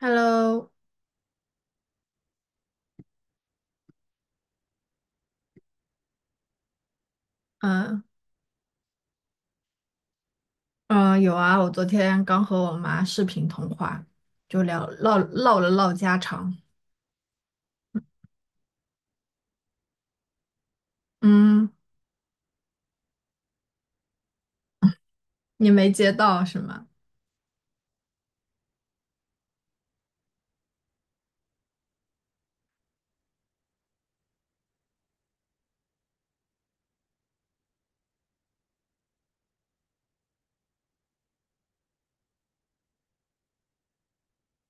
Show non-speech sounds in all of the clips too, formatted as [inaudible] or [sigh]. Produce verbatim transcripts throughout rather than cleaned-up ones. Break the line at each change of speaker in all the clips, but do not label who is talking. Hello，嗯嗯，有啊，我昨天刚和我妈视频通话，就聊唠唠了唠家常。嗯，你没接到是吗？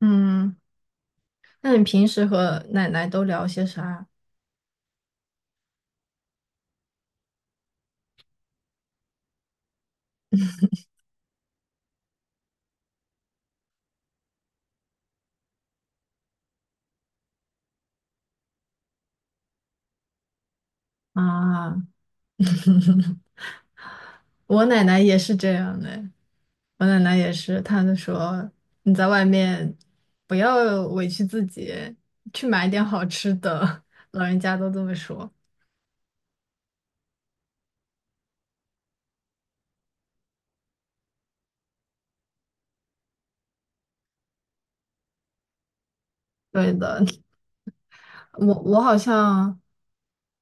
嗯，那你平时和奶奶都聊些啥啊？我奶奶也是这样的，我奶奶也是，她就说你在外面不要委屈自己，去买点好吃的，[laughs] 老人家都这么说。对的，[laughs] 我我好像。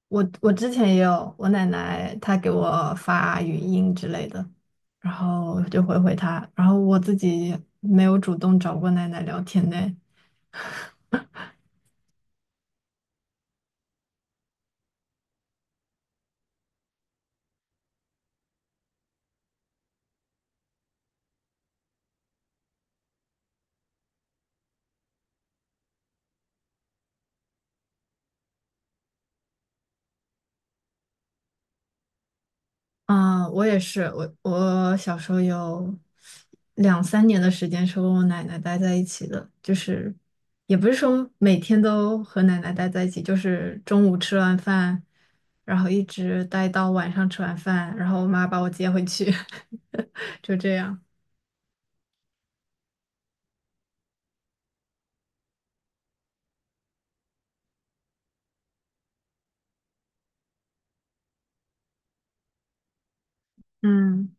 我我之前也有，我奶奶她给我发语音之类的，然后我就回回她，然后我自己没有主动找过奶奶聊天呢。嗯，我也是，我我小时候有两三年的时间是跟我奶奶待在一起的，就是也不是说每天都和奶奶待在一起，就是中午吃完饭，然后一直待到晚上吃完饭，然后我妈把我接回去，[laughs] 就这样。嗯。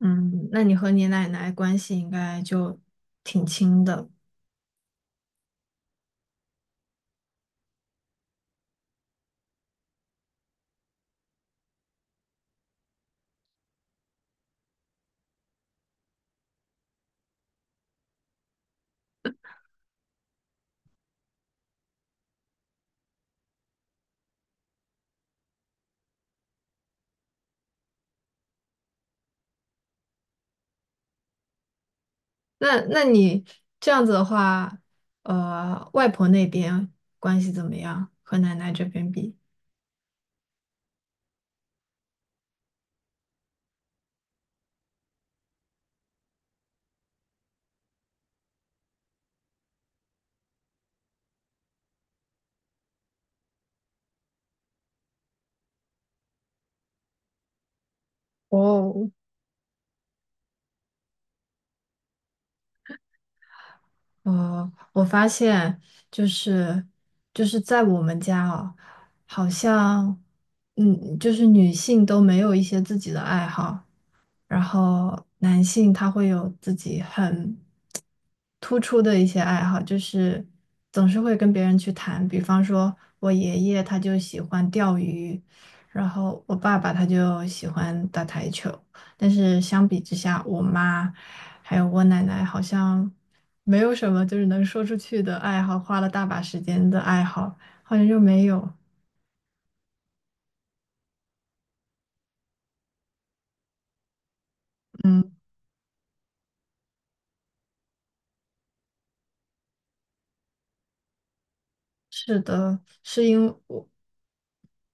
嗯，那你和你奶奶关系应该就挺亲的。那那你这样子的话，呃，外婆那边关系怎么样？和奶奶这边比？哦，呃，我发现就是就是在我们家哦，好像嗯，就是女性都没有一些自己的爱好，然后男性他会有自己很突出的一些爱好，就是总是会跟别人去谈。比方说，我爷爷他就喜欢钓鱼，然后我爸爸他就喜欢打台球。但是相比之下，我妈还有我奶奶好像没有什么就是能说出去的爱好，花了大把时间的爱好，好像就没有。嗯，是的，是因为我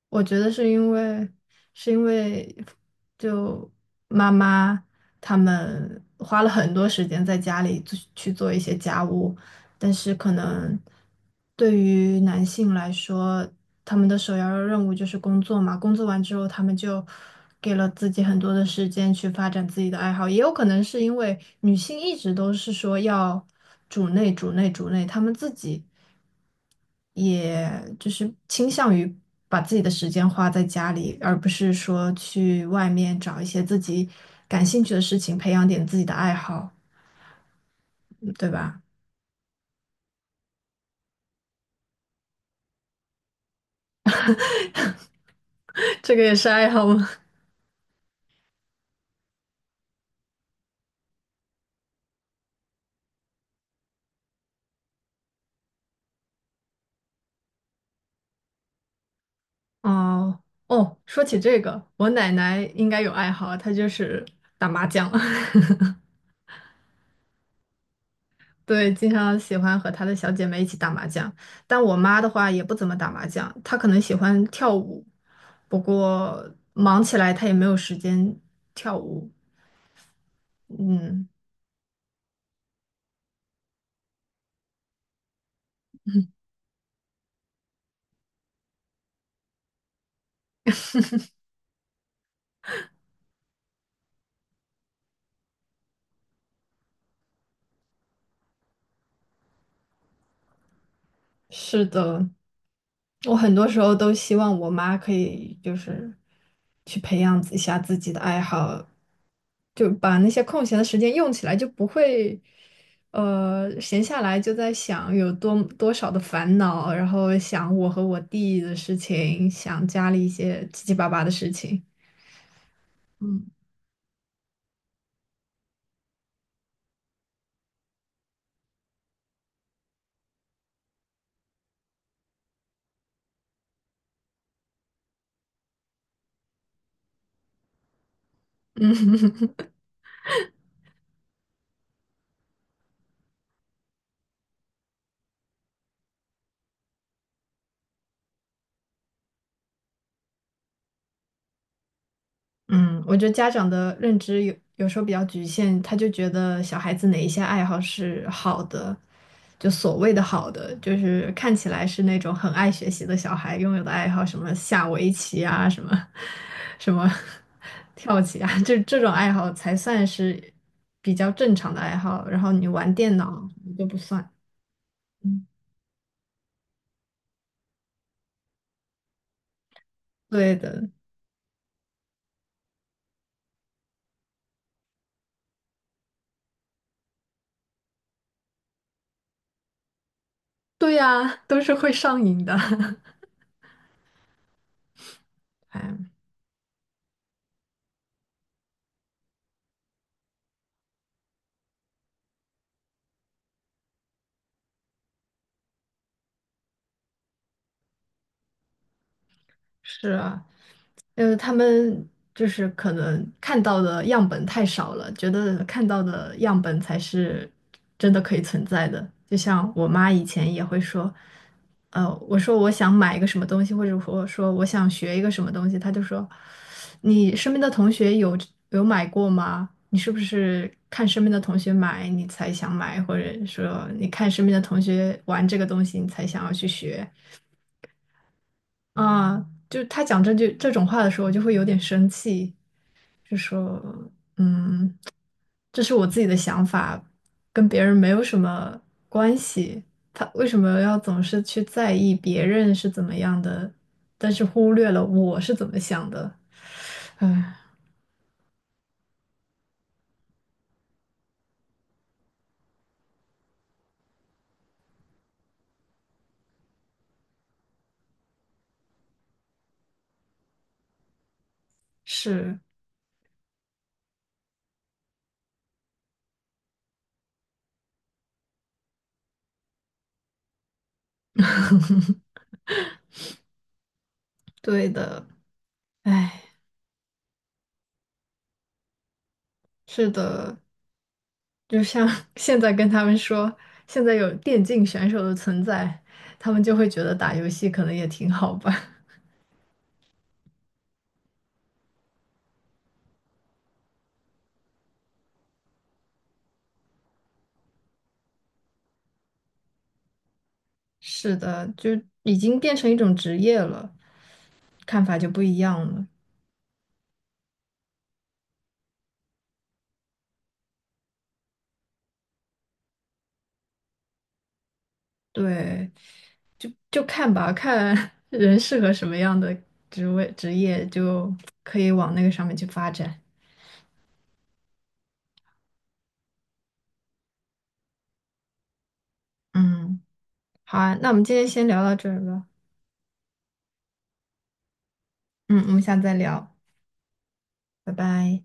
我觉得是因为是因为就妈妈他们花了很多时间在家里做去做一些家务，但是可能对于男性来说，他们的首要任务就是工作嘛，工作完之后他们就给了自己很多的时间去发展自己的爱好，也有可能是因为女性一直都是说要主内主内主内，他们自己。也就是倾向于把自己的时间花在家里，而不是说去外面找一些自己感兴趣的事情，培养点自己的爱好，嗯对吧？[laughs] 这个也是爱好吗？[laughs] 哦，哦，说起这个，我奶奶应该有爱好，她就是打麻将。[laughs] 对，经常喜欢和她的小姐妹一起打麻将。但我妈的话也不怎么打麻将，她可能喜欢跳舞，不过忙起来她也没有时间跳舞。嗯，是的，我很多时候都希望我妈可以就是去培养一下自己的爱好，就把那些空闲的时间用起来，就不会呃闲下来就在想有多多少的烦恼，然后想我和我弟的事情，想家里一些七七八八的事情。嗯。嗯，我觉得家长的认知有有时候比较局限，他就觉得小孩子哪一些爱好是好的，就所谓的好的，就是看起来是那种很爱学习的小孩拥有的爱好，什么下围棋啊，什么什么 [laughs] 跳棋啊，就这种爱好才算是比较正常的爱好。然后你玩电脑就不算。嗯，对的，对呀，都是会上瘾的。[laughs] 哎，是啊。呃，他们就是可能看到的样本太少了，觉得看到的样本才是真的可以存在的。就像我妈以前也会说，呃，我说我想买一个什么东西，或者我说我想学一个什么东西，她就说，你身边的同学有有买过吗？你是不是看身边的同学买，你才想买，或者说你看身边的同学玩这个东西，你才想要去学？啊，就他讲这句这种话的时候，我就会有点生气。就说，嗯，这是我自己的想法，跟别人没有什么关系。他为什么要总是去在意别人是怎么样的，但是忽略了我是怎么想的？唉，是对的，唉，是的，就像 [laughs] 现在跟他们说，现在有电竞选手的存在，他们就会觉得打游戏可能也挺好吧。[laughs] 是的，就已经变成一种职业了，看法就不一样了。对，就就看吧，看 [laughs] 人适合什么样的职位职业，就可以往那个上面去发展。嗯，好啊，那我们今天先聊到这儿吧。嗯，我们下次再聊，拜拜。